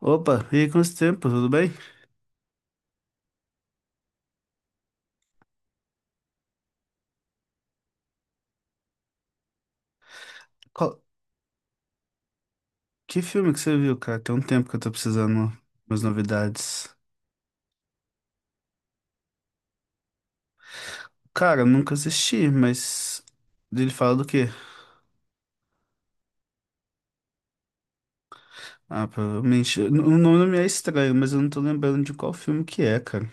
Opa, e aí, quanto tempo, tudo bem? Qual- Que filme que você viu, cara? Tem um tempo que eu tô precisando de umas novidades. Cara, eu nunca assisti, mas ele fala do quê? Ah, provavelmente. O nome me é estranho, mas eu não tô lembrando de qual filme que é, cara.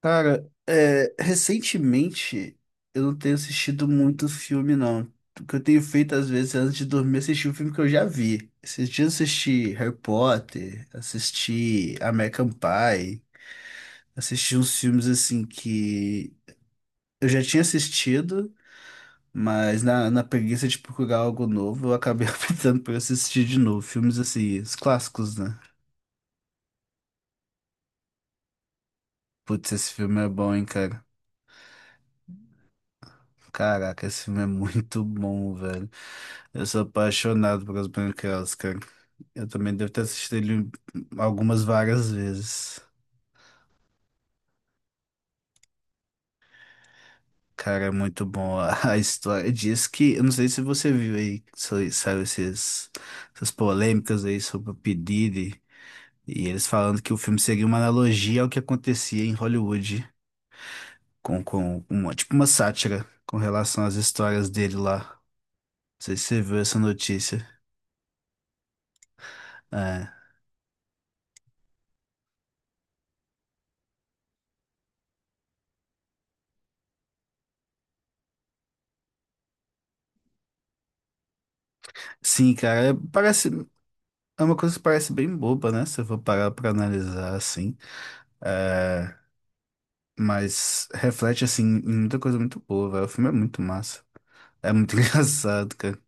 Cara, é, recentemente eu não tenho assistido muito filme, não. O que eu tenho feito às vezes é, antes de dormir assistir um filme que eu já vi. Esses dias eu assisti Harry Potter, assisti American Pie. Assisti uns filmes assim que eu já tinha assistido, mas na preguiça de procurar algo novo, eu acabei optando por assistir de novo. Filmes assim, os clássicos, né? Putz, esse filme é bom, hein, cara? Caraca, esse filme é muito bom, velho. Eu sou apaixonado pelas Branquelas, cara. Eu também devo ter assistido ele algumas várias vezes. Cara, é muito bom. A história diz que. Eu não sei se você viu aí, saiu esses, essas polêmicas aí sobre o P. Diddy. E eles falando que o filme seria uma analogia ao que acontecia em Hollywood, com uma, tipo uma sátira com relação às histórias dele lá. Não sei se você viu essa notícia. É. Sim, cara, parece, é uma coisa que parece bem boba, né? Se eu for parar pra analisar assim. É, mas reflete, assim, em muita coisa muito boa, velho. O filme é muito massa. É muito engraçado, cara.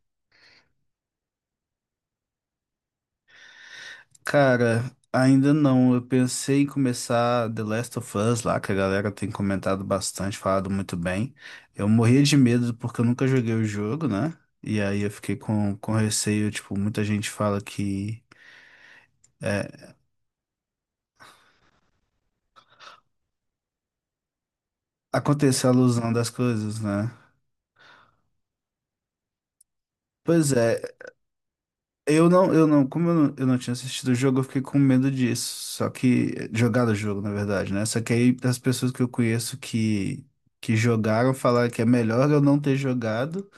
Cara, ainda não. Eu pensei em começar The Last of Us lá, que a galera tem comentado bastante, falado muito bem. Eu morria de medo porque eu nunca joguei o jogo, né? E aí eu fiquei com receio, tipo, muita gente fala que é, aconteceu a alusão das coisas, né? Pois é, eu não, como eu não tinha assistido o jogo, eu fiquei com medo disso. Só que, jogar o jogo, na verdade, né? Só que aí as pessoas que eu conheço que jogaram falaram que é melhor eu não ter jogado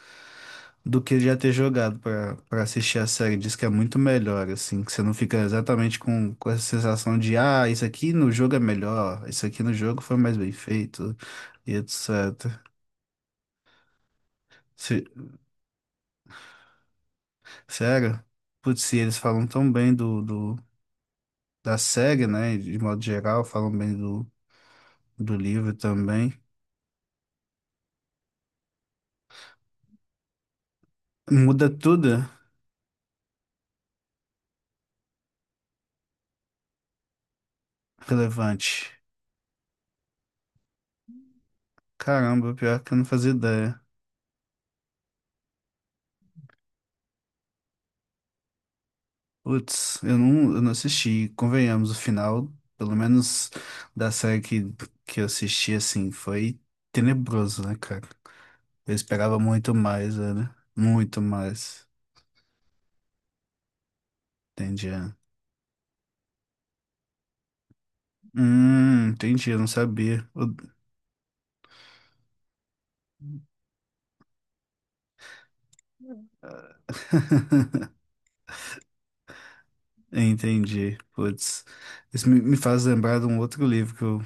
do que já ter jogado pra para assistir a série. Diz que é muito melhor, assim, que você não fica exatamente com essa sensação de, ah, isso aqui no jogo é melhor, isso aqui no jogo foi mais bem feito, e etc. Se- sério? Putz, se eles falam tão bem do, do, da série, né, de modo geral, falam bem do, do livro também. Muda tudo relevante. Caramba, pior que eu não fazia ideia. Putz, eu não assisti. Convenhamos, o final, pelo menos da série que eu assisti, assim, foi tenebroso, né, cara? Eu esperava muito mais, né? Muito mais. Entendi. É. Entendi, eu não sabia. Entendi. Putz, isso me, me faz lembrar de um outro livro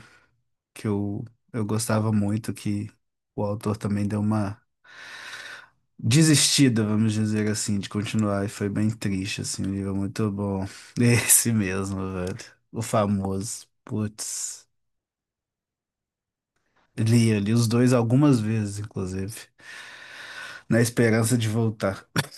que eu gostava muito, que o autor também deu uma desistida, vamos dizer assim, de continuar. E foi bem triste, assim, um livro muito bom. Esse mesmo, velho. O famoso. Putz. Li, eu li os dois algumas vezes, inclusive, na esperança de voltar.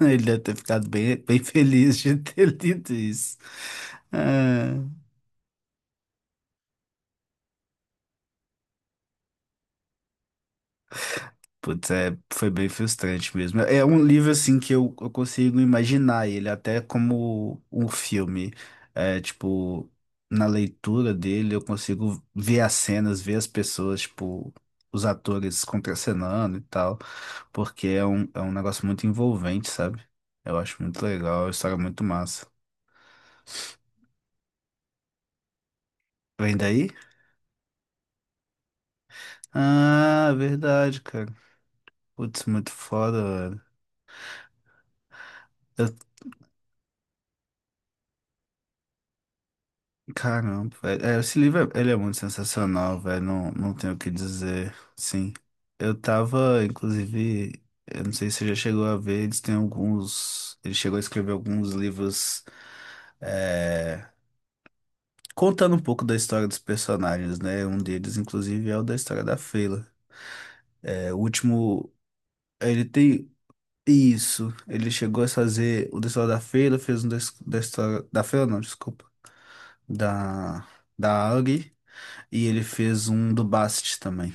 Ele deve ter ficado bem, bem feliz de ter lido isso. Ah. Putz, é, foi bem frustrante mesmo. É um livro assim que eu consigo imaginar ele até como um filme. É, tipo, na leitura dele eu consigo ver as cenas, ver as pessoas, tipo, os atores contracenando e tal, porque é um negócio muito envolvente, sabe? Eu acho muito legal, é uma história é muito massa. Vem daí? Ah, verdade, cara. Putz, muito foda, velho. Eu Caramba, velho. É, esse livro, ele é muito sensacional, velho. Não, não tenho o que dizer. Sim. Eu tava, inclusive, eu não sei se você já chegou a ver, eles têm alguns. Ele chegou a escrever alguns livros é, contando um pouco da história dos personagens, né? Um deles, inclusive, é o da história da Fela. É, o último. Ele tem. Isso. Ele chegou a fazer o da história da Fela, fez um da, da história. Da Fela, não, desculpa. Da. Da Auri. E ele fez um do Bast também.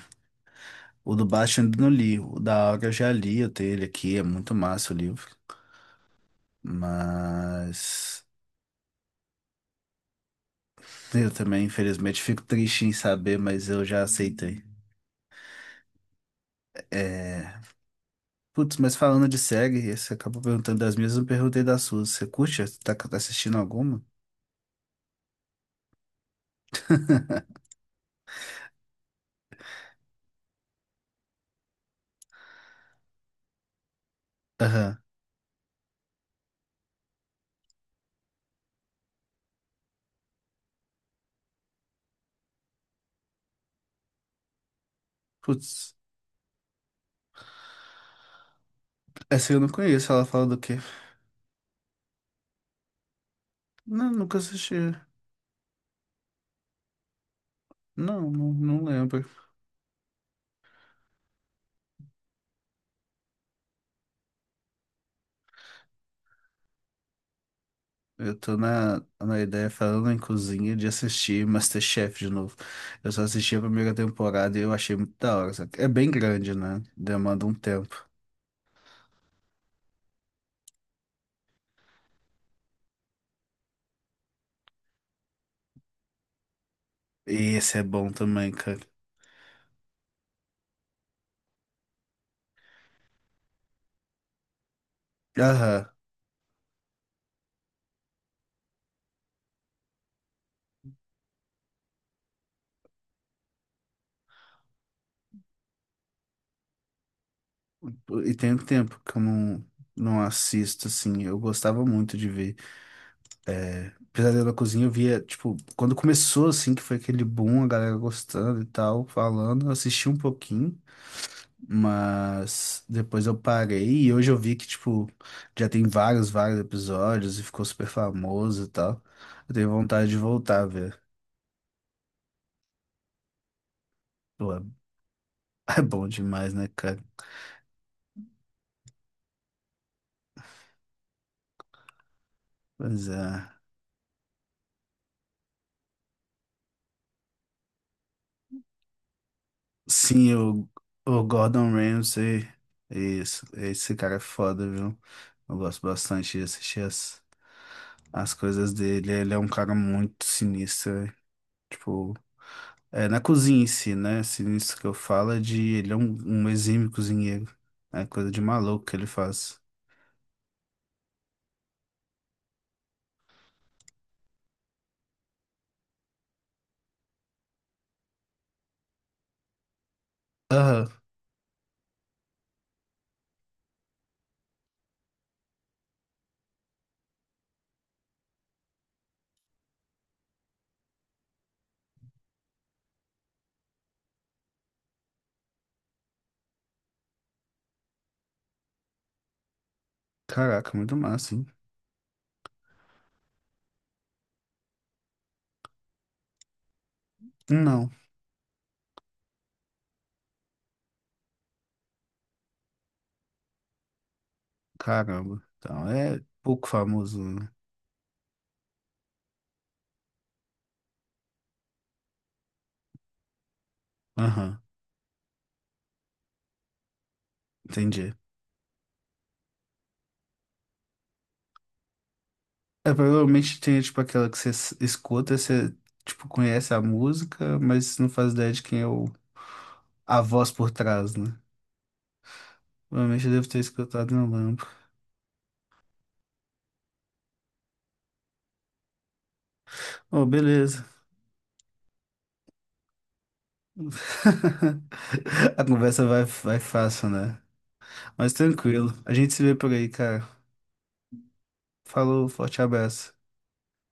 O do Bast eu ainda não li. O da Aura eu já li, eu tenho ele aqui, é muito massa o livro. Mas eu também, infelizmente, fico triste em saber, mas eu já aceitei. É... Putz, mas falando de série, você acabou perguntando das minhas, eu não perguntei das suas. Você curte? Tá assistindo alguma? Aham. Putz, essa eu não conheço, ela fala do quê? Não, nunca assisti. Não, não, não lembro. Eu tô na ideia, falando em cozinha, de assistir MasterChef de novo. Eu só assisti a primeira temporada e eu achei muito da hora, sabe? É bem grande, né? Demanda um tempo. E esse é bom também, cara. Aham. E tem um tempo que eu não, não assisto, assim. Eu gostava muito de ver. É, Pesadelo na Cozinha, eu via, tipo, quando começou, assim, que foi aquele boom, a galera gostando e tal, falando, eu assisti um pouquinho. Mas depois eu parei e hoje eu vi que, tipo, já tem vários, vários episódios e ficou super famoso e tal. Eu tenho vontade de voltar a ver. Pô, é é bom demais, né, cara? Pois é. Sim, o Gordon Ramsay, isso, esse cara é foda, viu? Eu gosto bastante de assistir as, as coisas dele. Ele é um cara muito sinistro, né? Tipo, é, na cozinha em si, né? Sinistro que eu falo é de ele é um, um exímio cozinheiro. É coisa de maluco que ele faz. Aham. Caraca, muito massa, hein? Não. Caramba. Então, é pouco famoso, né? Aham, entendi. É, provavelmente tem, tipo, aquela que você escuta, você, tipo, conhece a música, mas não faz ideia de quem é o, a voz por trás, né? Provavelmente eu devo ter escutado, não lembro. Oh, beleza. A conversa vai, vai fácil, né? Mas tranquilo. A gente se vê por aí, cara. Falou, forte abraço.